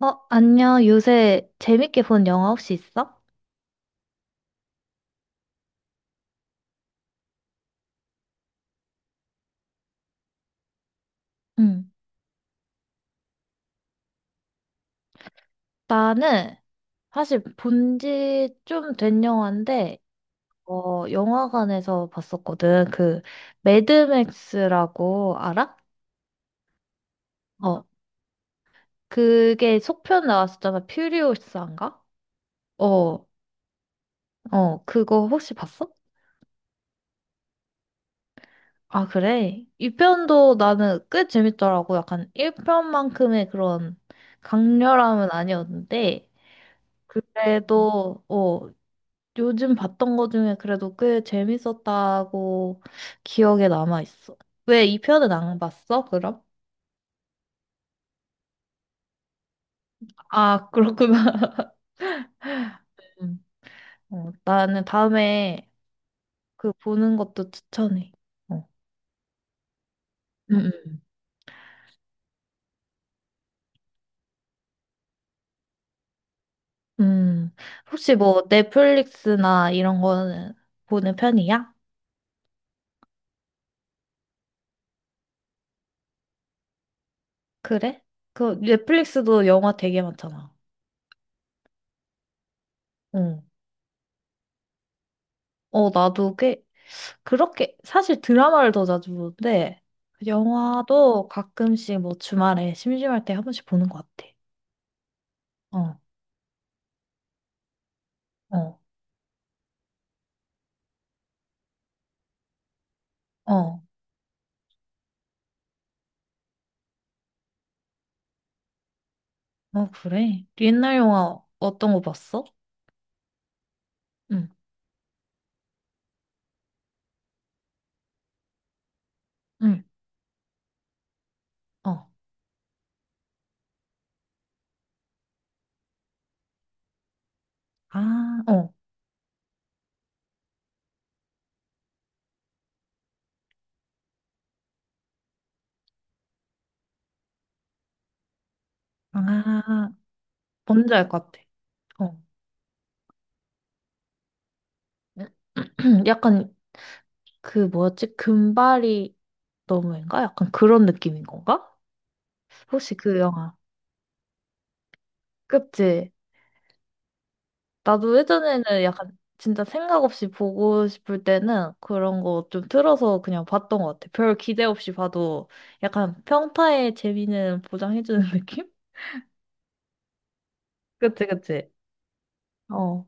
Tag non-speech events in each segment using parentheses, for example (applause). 어, 안녕. 요새 재밌게 본 영화 혹시 있어? 응, 나는 사실 본지 좀 된 영화인데, 영화관에서 봤었거든. 그, 매드맥스라고 알아? 어, 그게 속편 나왔었잖아. 퓨리오스인가? 어, 그거 혹시 봤어? 아, 그래? 2편도 나는 꽤 재밌더라고. 약간 1편만큼의 그런 강렬함은 아니었는데, 그래도, 요즘 봤던 거 중에 그래도 꽤 재밌었다고 기억에 남아있어. 왜 이 편은 안 봤어, 그럼? 아, 그렇구나. (laughs) 음. 어, 나는 다음에 그 보는 것도 추천해. 어. 음, 음. 음, 혹시 뭐 넷플릭스나 이런 거는 보는 편이야? 그래? 그 넷플릭스도 영화 되게 많잖아. 응. 나도 꽤 그렇게 사실 드라마를 더 자주 보는데 그 영화도 가끔씩 뭐 주말에 심심할 때 한 번씩 보는 것 같아. 어, 어, 어, 어, 그래. 옛날 영화 어떤 거 봤어? 응, 응, 어, 아, 어, 아, 뭔지 알 것 같아. 어, (clears throat) 약간 그 뭐였지? 금발이 너무인가? 약간 그런 느낌인 건가? 혹시 그 영화? 그치? 나도 예전에는 약간 진짜 생각 없이 보고 싶을 때는 그런 거 좀 틀어서 그냥 봤던 것 같아. 별 기대 없이 봐도 약간 평타의 재미는 보장해주는 (laughs) 느낌? 그치, 그치. 어,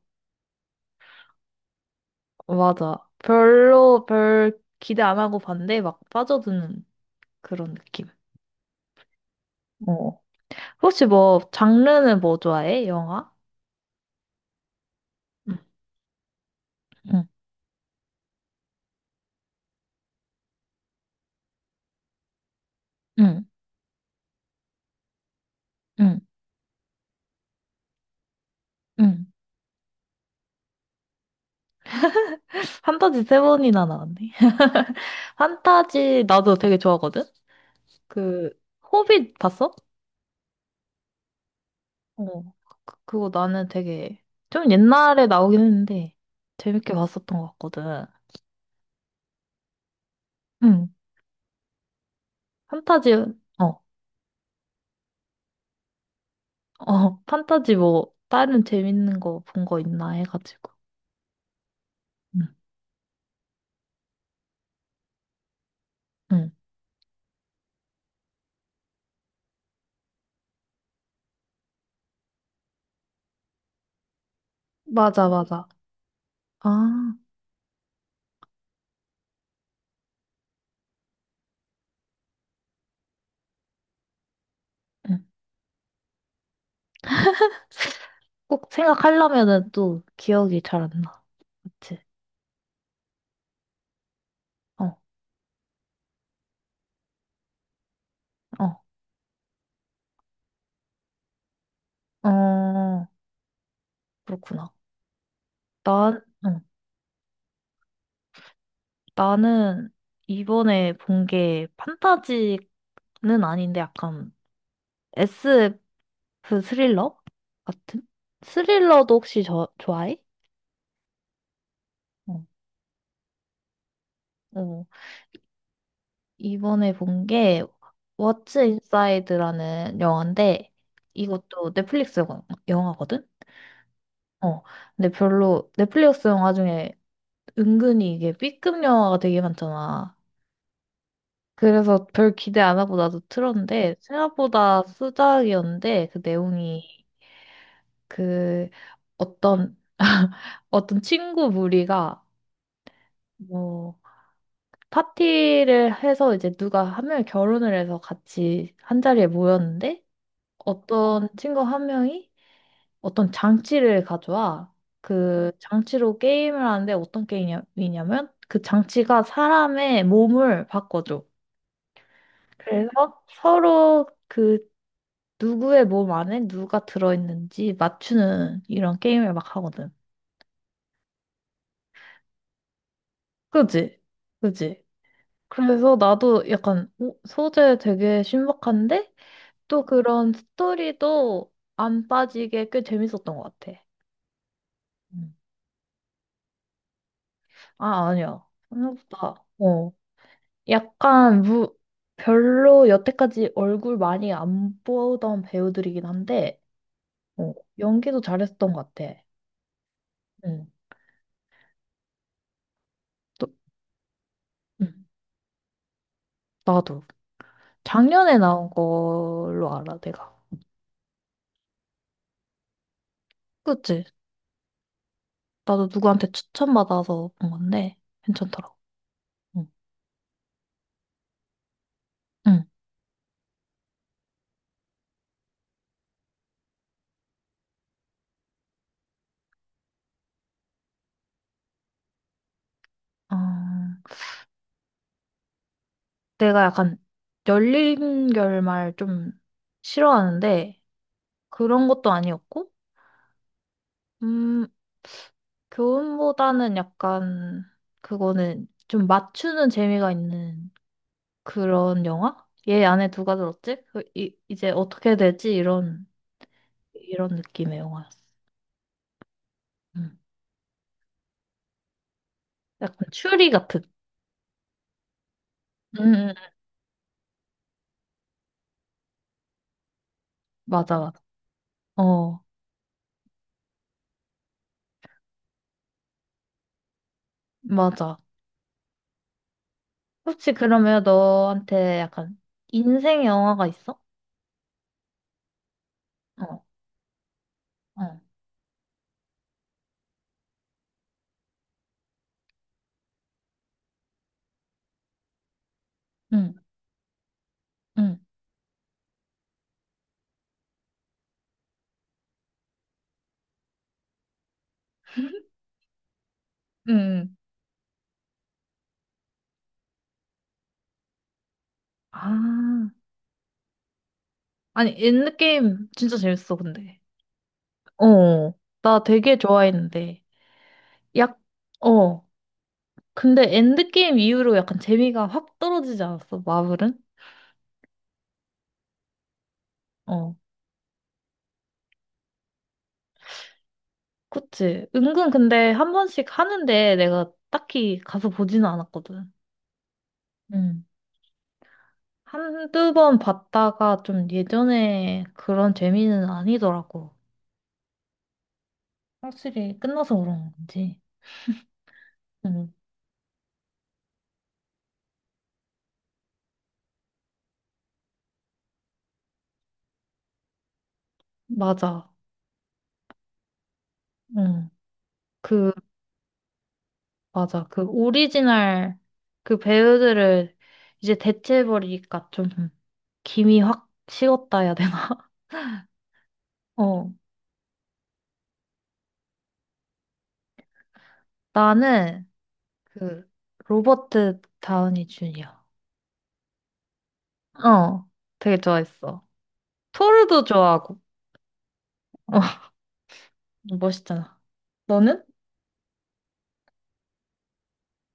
맞아. 별로 별 기대 안 하고 봤는데 막 빠져드는 그런 느낌. 어. 혹시 뭐 장르는 뭐 좋아해? 영화? 응, 응, 응, 응. 응. 판타지 세 번이나 나왔네. (laughs) 판타지 나도 되게 좋아하거든? 그 호빗 봤어? 어, 그거 나는 되게 좀 옛날에 나오긴 했는데 재밌게 봤었던 것 같거든. 응. 판타지, 어, 어, (laughs) 판타지 뭐 다른 재밌는 거 본 거 있나 해가지고. 응, 응. 맞아, 맞아. 아, 응. 꼭 생각하려면은 또 기억이 잘 안 나. 그치? 어, 어, 어, 그렇구나. 난, 응. 나는 이번에 본 게 판타지는 아닌데 약간 에스 그 스릴러 같은? 스릴러도 혹시 저, 좋아해? 어, 어. 이번에 본 게 워츠 인사이드라는 영화인데 이것도 영화거든? 어. 근데 별로 넷플릭스 영화 중에 은근히 이게 B급 영화가 되게 많잖아. 그래서 별 기대 안 하고 나도 틀었는데 생각보다 수작이었는데 그 내용이 그 어떤 어떤 친구 무리가 뭐 파티를 해서 이제 누가 한 명이 결혼을 해서 같이 한 자리에 모였는데 어떤 친구 한 명이 어떤 장치를 가져와. 그 장치로 게임을 하는데 어떤 게임이냐면 그 장치가 사람의 몸을 바꿔줘. 그래서 서로 그 누구의 몸 안에 누가 들어있는지 맞추는 이런 게임을 막 하거든. 그지? 그지? 그래서 나도 약간 어, 소재 되게 신박한데? 또 그런 스토리도 안 빠지게 꽤 재밌었던 것 같아. 음. 아, 아니야. 생각보다, 어. 약간, 무, 별로 여태까지 얼굴 많이 안 보던 배우들이긴 한데, 어, 연기도 잘했던 것 같아. 응. 또, 응. 나도. 작년에 나온 걸로 알아, 내가. 그치? 나도 누구한테 추천받아서 본 건데, 괜찮더라고. 응. 응. 아. 내가 약간 열린 결말 좀 싫어하는데 그런 것도 아니었고, 음, 교훈보다는 약간 그거는 좀 맞추는 재미가 있는 그런 영화? 얘 안에 누가 들었지? 이제 어떻게 되지? 이런 느낌의 영화였어. 음. 약간 추리 같은. 음, 음, 음. 맞아, 맞아. 어, 맞아. 혹시 그러면 너한테 약간 인생 영화가 있어? 어, 어, 응, 응. 응. 아, 아니, 엔드게임 진짜 재밌어, 근데. 어. 나 되게 좋아했는데. 약, 어. 근데 엔드게임 이후로 약간 재미가 확 떨어지지 않았어, 마블은? 어. 그치. 은근 근데 한 번씩 하는데 내가 딱히 가서 보지는 않았거든. 음. 한두 번 봤다가 좀 예전에 그런 재미는 아니더라고. 확실히 끝나서 그런 건지. 응. 맞아. 응. 그 맞아. 그 오리지널 그 배우들을 이제 대체해버리니까 좀 김이 확 식었다 해야 되나? (laughs) 어. 나는 그 로버트 다우니 주니어. 어. 되게 좋아했어. 토르도 좋아하고. 어. 멋있잖아. 너는?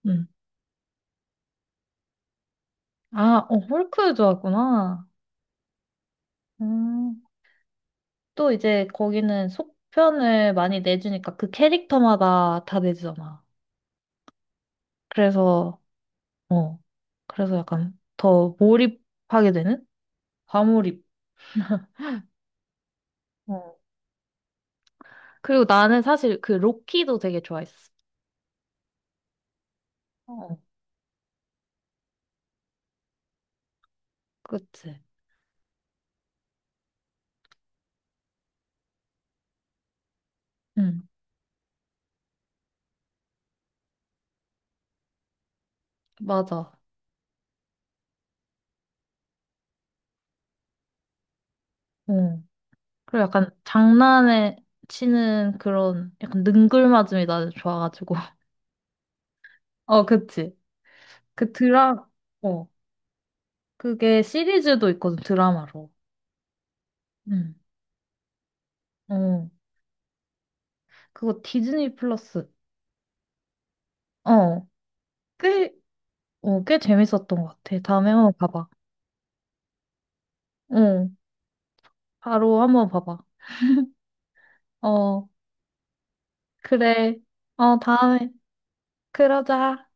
응. 아, 어, 헐크 좋아하구나. 음. 또 이제 거기는 속편을 많이 내주니까 그 캐릭터마다 다 내주잖아. 그래서 어. 그래서 약간 더 몰입하게 되는? 과몰입. 어, 그리고 나는 사실 그 로키도 되게 좋아했어. 어, 그치? 응, 맞아. 어 그리고 약간 장난에 치는 그런 약간 능글맞음이 나는 좋아가지고. (laughs) 어, 그치. 그 드라, 어, 그게 시리즈도 있거든, 드라마로. 응, 어, 그거 디즈니 플러스. 어, 꽤, 어, 꽤 재밌었던 것 같아. 다음에 한번 봐봐. 어 바로 한번 봐봐. 어, 그래. 어, 다음에 그러자.